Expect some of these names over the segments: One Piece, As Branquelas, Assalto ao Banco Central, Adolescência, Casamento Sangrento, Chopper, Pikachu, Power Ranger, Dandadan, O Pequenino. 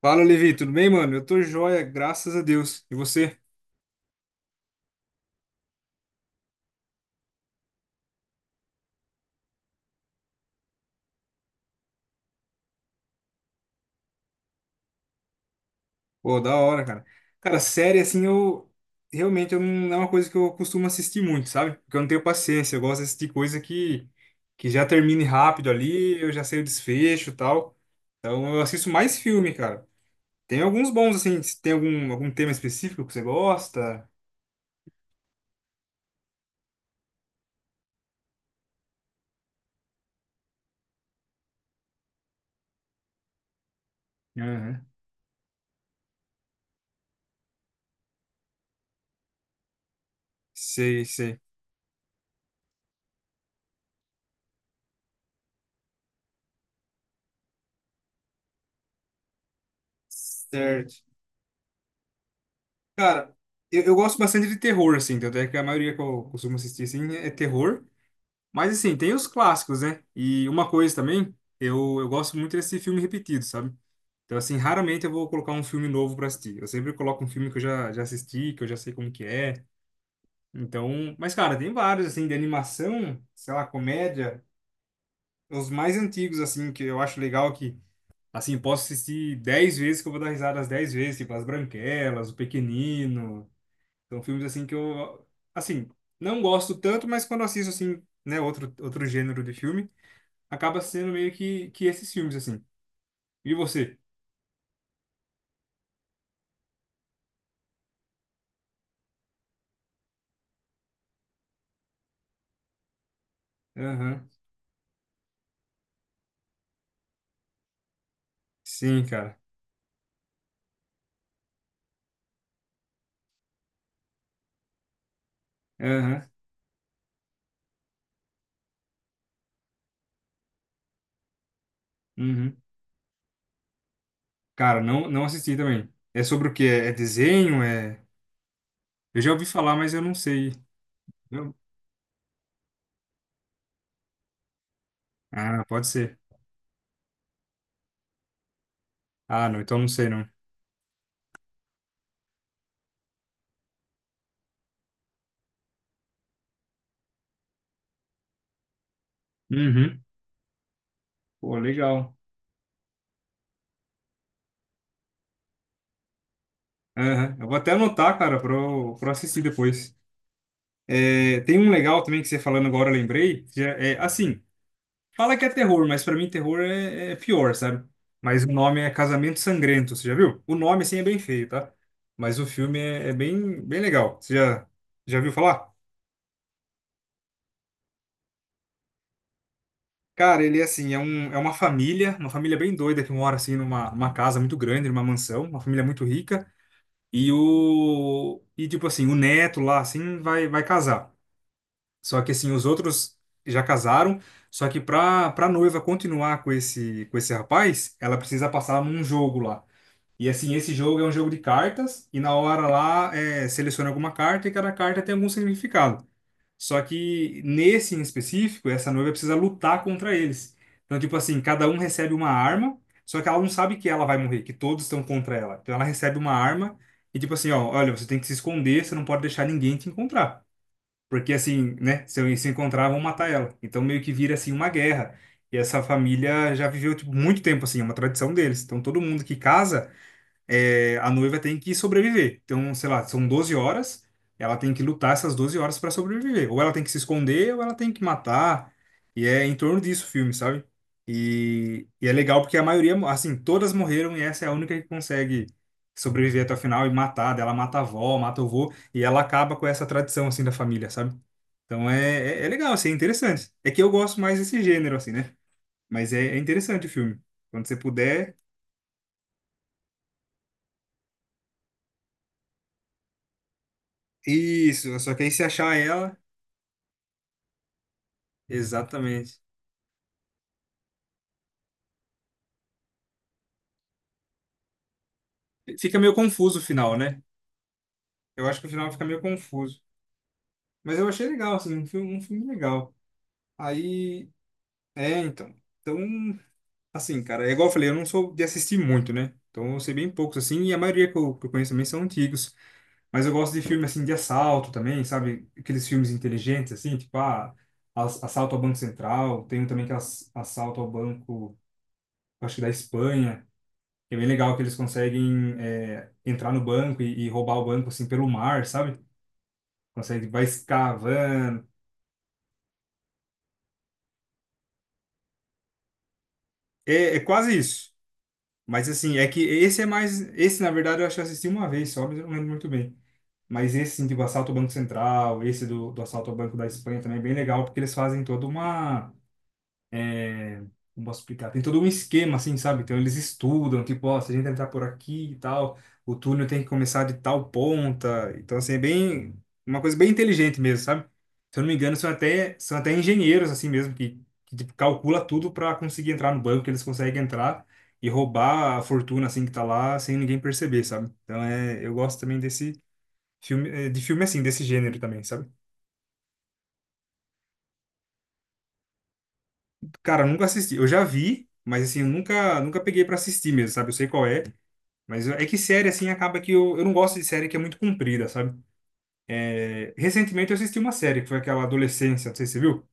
Fala, Levi, tudo bem, mano? Eu tô joia, graças a Deus. E você? Pô, da hora, cara. Cara, série, assim, realmente, eu não é uma coisa que eu costumo assistir muito, sabe? Porque eu não tenho paciência. Eu gosto de assistir coisa que já termine rápido ali, eu já sei o desfecho e tal. Então, eu assisto mais filme, cara. Tem alguns bons, assim. Se Tem algum tema específico que você gosta? Aham. Sei, sei. Certo. Cara, eu gosto bastante de terror, assim. Tanto é que a maioria que eu costumo assistir, assim, é terror. Mas assim, tem os clássicos, né? E uma coisa também, eu gosto muito desse filme repetido, sabe? Então, assim, raramente eu vou colocar um filme novo pra assistir. Eu sempre coloco um filme que eu já assisti, que eu já sei como que é. Então, mas cara, tem vários, assim, de animação, sei lá, comédia. Os mais antigos, assim, que eu acho legal que, assim, posso assistir 10 vezes que eu vou dar risada as 10 vezes, tipo As Branquelas, O Pequenino. São filmes, assim, que eu, assim, não gosto tanto, mas quando assisto, assim, né, outro gênero de filme acaba sendo meio que esses filmes, assim. E você? Aham. Sim, cara. Aham. Uhum. Cara, não, não assisti também. É sobre o quê? É desenho? Eu já ouvi falar, mas eu não sei. Eu- Ah, pode ser. Ah, não, então não sei, não. Uhum. Pô, legal. Aham. Eu vou até anotar, cara, pra eu assistir depois. É, tem um legal também que você falando agora, eu lembrei, que é assim. Fala que é terror, mas pra mim terror é pior, sabe? Mas o nome é Casamento Sangrento, você já viu? O nome, assim, é bem feio, tá? Mas o filme é bem, bem legal. Você já viu falar? Cara, ele é assim, é uma família bem doida que mora, assim, numa casa muito grande, numa mansão, uma família muito rica. E, tipo assim, o neto lá, assim, vai casar. Só que, assim, os outros já casaram, só que para noiva continuar com esse rapaz, ela precisa passar num jogo lá. E assim, esse jogo é um jogo de cartas, e na hora lá seleciona alguma carta e cada carta tem algum significado. Só que nesse em específico, essa noiva precisa lutar contra eles. Então, tipo assim, cada um recebe uma arma, só que ela não sabe que ela vai morrer, que todos estão contra ela. Então ela recebe uma arma e tipo assim, ó, olha, você tem que se esconder, você não pode deixar ninguém te encontrar. Porque assim, né, se eu se encontrar, vão matar ela. Então meio que vira assim uma guerra. E essa família já viveu tipo, muito tempo assim, é uma tradição deles. Então todo mundo que casa a noiva tem que sobreviver. Então, sei lá, são 12 horas, ela tem que lutar essas 12 horas para sobreviver. Ou ela tem que se esconder, ou ela tem que matar. E é em torno disso o filme, sabe? E é legal porque a maioria, assim, todas morreram e essa é a única que consegue sobreviver até o final e matar. Daí, ela mata a avó, mata o vô, e ela acaba com essa tradição, assim, da família, sabe? Então é legal, assim, é interessante. É que eu gosto mais desse gênero, assim, né? Mas é, é interessante o filme. Quando você puder. Isso, só que aí se achar ela. Exatamente. Fica meio confuso o final, né? Eu acho que o final fica meio confuso. Mas eu achei legal, assim, um filme legal. Aí, então. Então, assim, cara, é igual eu falei, eu não sou de assistir muito, né? Então eu sei bem poucos, assim, e a maioria que eu conheço também são antigos. Mas eu gosto de filme, assim, de assalto também, sabe? Aqueles filmes inteligentes, assim, tipo, ah, Assalto ao Banco Central. Tem um também que é Assalto ao Banco, acho que da Espanha. É bem legal que eles conseguem entrar no banco e roubar o banco assim pelo mar, sabe? Consegue, vai escavando. É, é quase isso. Mas assim, é que esse é mais. Esse, na verdade, eu acho que eu assisti uma vez só, mas eu não lembro muito bem. Mas esse, assim, tipo, assalto ao Banco Central, esse do assalto ao Banco da Espanha também é bem legal, porque eles fazem toda uma... Como posso explicar? Tem todo um esquema, assim, sabe? Então eles estudam, tipo, ó, se a gente entrar por aqui e tal, o túnel tem que começar de tal ponta. Então, assim, é bem, uma coisa bem inteligente mesmo, sabe? Se eu não me engano, são até engenheiros, assim mesmo, que tipo, calcula tudo para conseguir entrar no banco, que eles conseguem entrar e roubar a fortuna, assim, que tá lá, sem ninguém perceber, sabe? Então, é, eu gosto também desse filme, de filme, assim, desse gênero também, sabe? Cara, eu nunca assisti. Eu já vi, mas, assim, eu nunca peguei para assistir mesmo, sabe? Eu sei qual é. Mas é que série, assim, acaba que eu não gosto de série que é muito comprida, sabe? É, recentemente eu assisti uma série, que foi aquela Adolescência, não sei se você viu.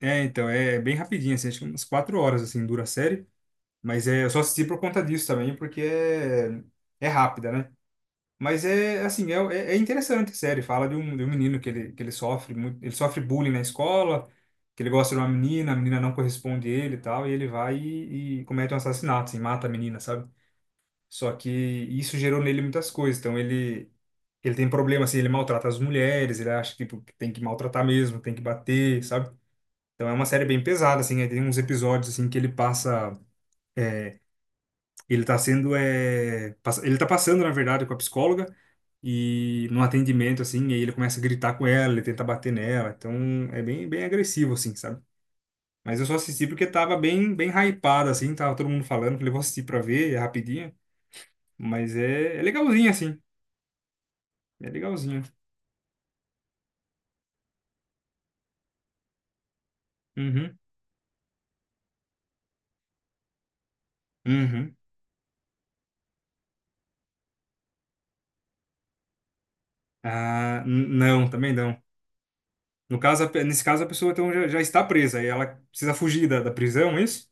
É, então, é bem rapidinho, assim, acho que umas 4 horas, assim, dura a série. Mas é, eu só assisti por conta disso também, porque é, é rápida, né? Mas é, assim, é interessante a série. Fala de um menino que ele sofre muito, ele sofre bullying na escola, que ele gosta de uma menina, a menina não corresponde a ele e tal, e ele vai e comete um assassinato, assim, mata a menina, sabe? Só que isso gerou nele muitas coisas. Então ele tem problema assim, ele maltrata as mulheres, ele acha que tipo, que tem que maltratar mesmo, tem que bater, sabe? Então é uma série bem pesada assim, aí tem uns episódios assim que ele passa é, ele tá sendo ele tá passando na verdade com a psicóloga e num atendimento assim, e aí ele começa a gritar com ela, ele tenta bater nela. Então é bem bem agressivo assim, sabe? Mas eu só assisti porque tava bem bem hypado assim, tava todo mundo falando, falei, vou assistir pra ver, é rapidinho. Mas é, é legalzinho, assim. É legalzinho. Uhum. Uhum. Ah, não, também não. No caso, nesse caso, a pessoa então, já está presa e ela precisa fugir da prisão, é isso?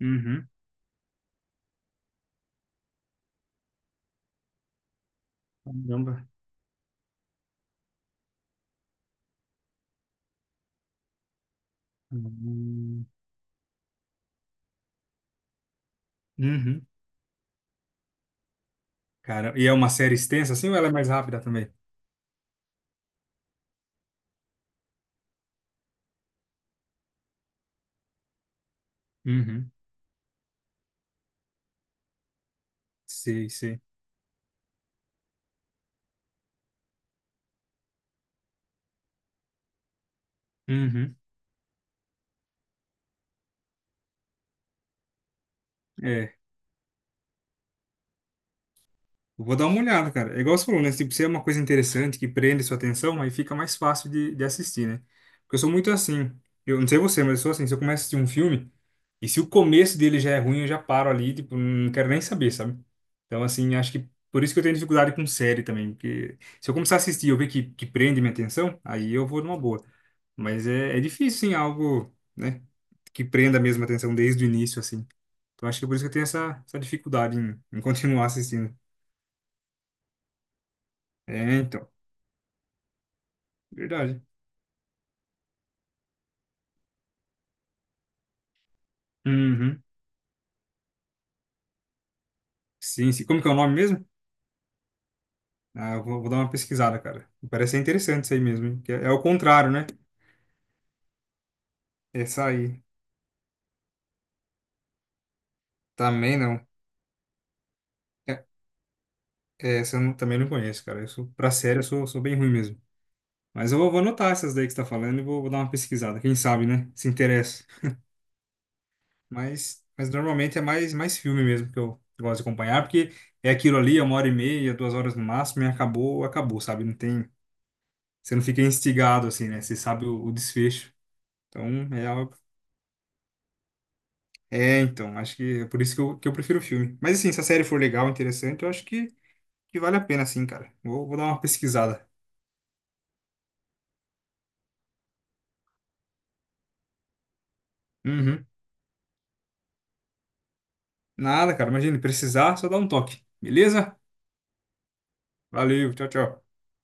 Uhum. Caramba. Uhum. Uhum. Cara, e é uma série extensa assim ou ela é mais rápida também? Uhum. Sei, sei. Uhum. É. Eu vou dar uma olhada, cara. É igual você falou, né? Tipo, se é uma coisa interessante que prende sua atenção, aí fica mais fácil de assistir, né? Porque eu sou muito assim. Eu não sei você, mas eu sou assim. Se eu começo a assistir um filme, e se o começo dele já é ruim, eu já paro ali, tipo, não quero nem saber, sabe? Então, assim, acho que por isso que eu tenho dificuldade com série também. Porque se eu começar a assistir e eu ver que prende minha atenção, aí eu vou numa boa. Mas é, é difícil, sim, algo, né? Que prenda mesmo a atenção desde o início, assim. Então, acho que é por isso que eu tenho essa dificuldade em continuar assistindo. É, então. Verdade. Uhum. Sim, sim. Como que é o nome mesmo? Ah, eu vou dar uma pesquisada, cara. Parece ser interessante isso aí mesmo, hein? Que é, é o contrário, né? Essa aí. Também não. É- é, essa eu não- também não conheço, cara. Eu sou, pra série, eu sou, sou bem ruim mesmo. Mas eu vou anotar essas daí que você tá falando e vou dar uma pesquisada. Quem sabe, né? Se interessa. Mas normalmente é mais filme mesmo que eu gosto de acompanhar, porque é aquilo ali, é uma hora e meia, 2 horas no máximo, e acabou, acabou, sabe? Não tem. Você não fica instigado assim, né? Você sabe o desfecho. Então, é algo... É, então, acho que é por isso que eu prefiro o filme. Mas assim, se a série for legal, interessante, eu acho que vale a pena, sim, cara. Vou dar uma pesquisada. Uhum. Nada, cara. Imagina, precisar, só dá um toque. Beleza? Valeu, tchau, tchau.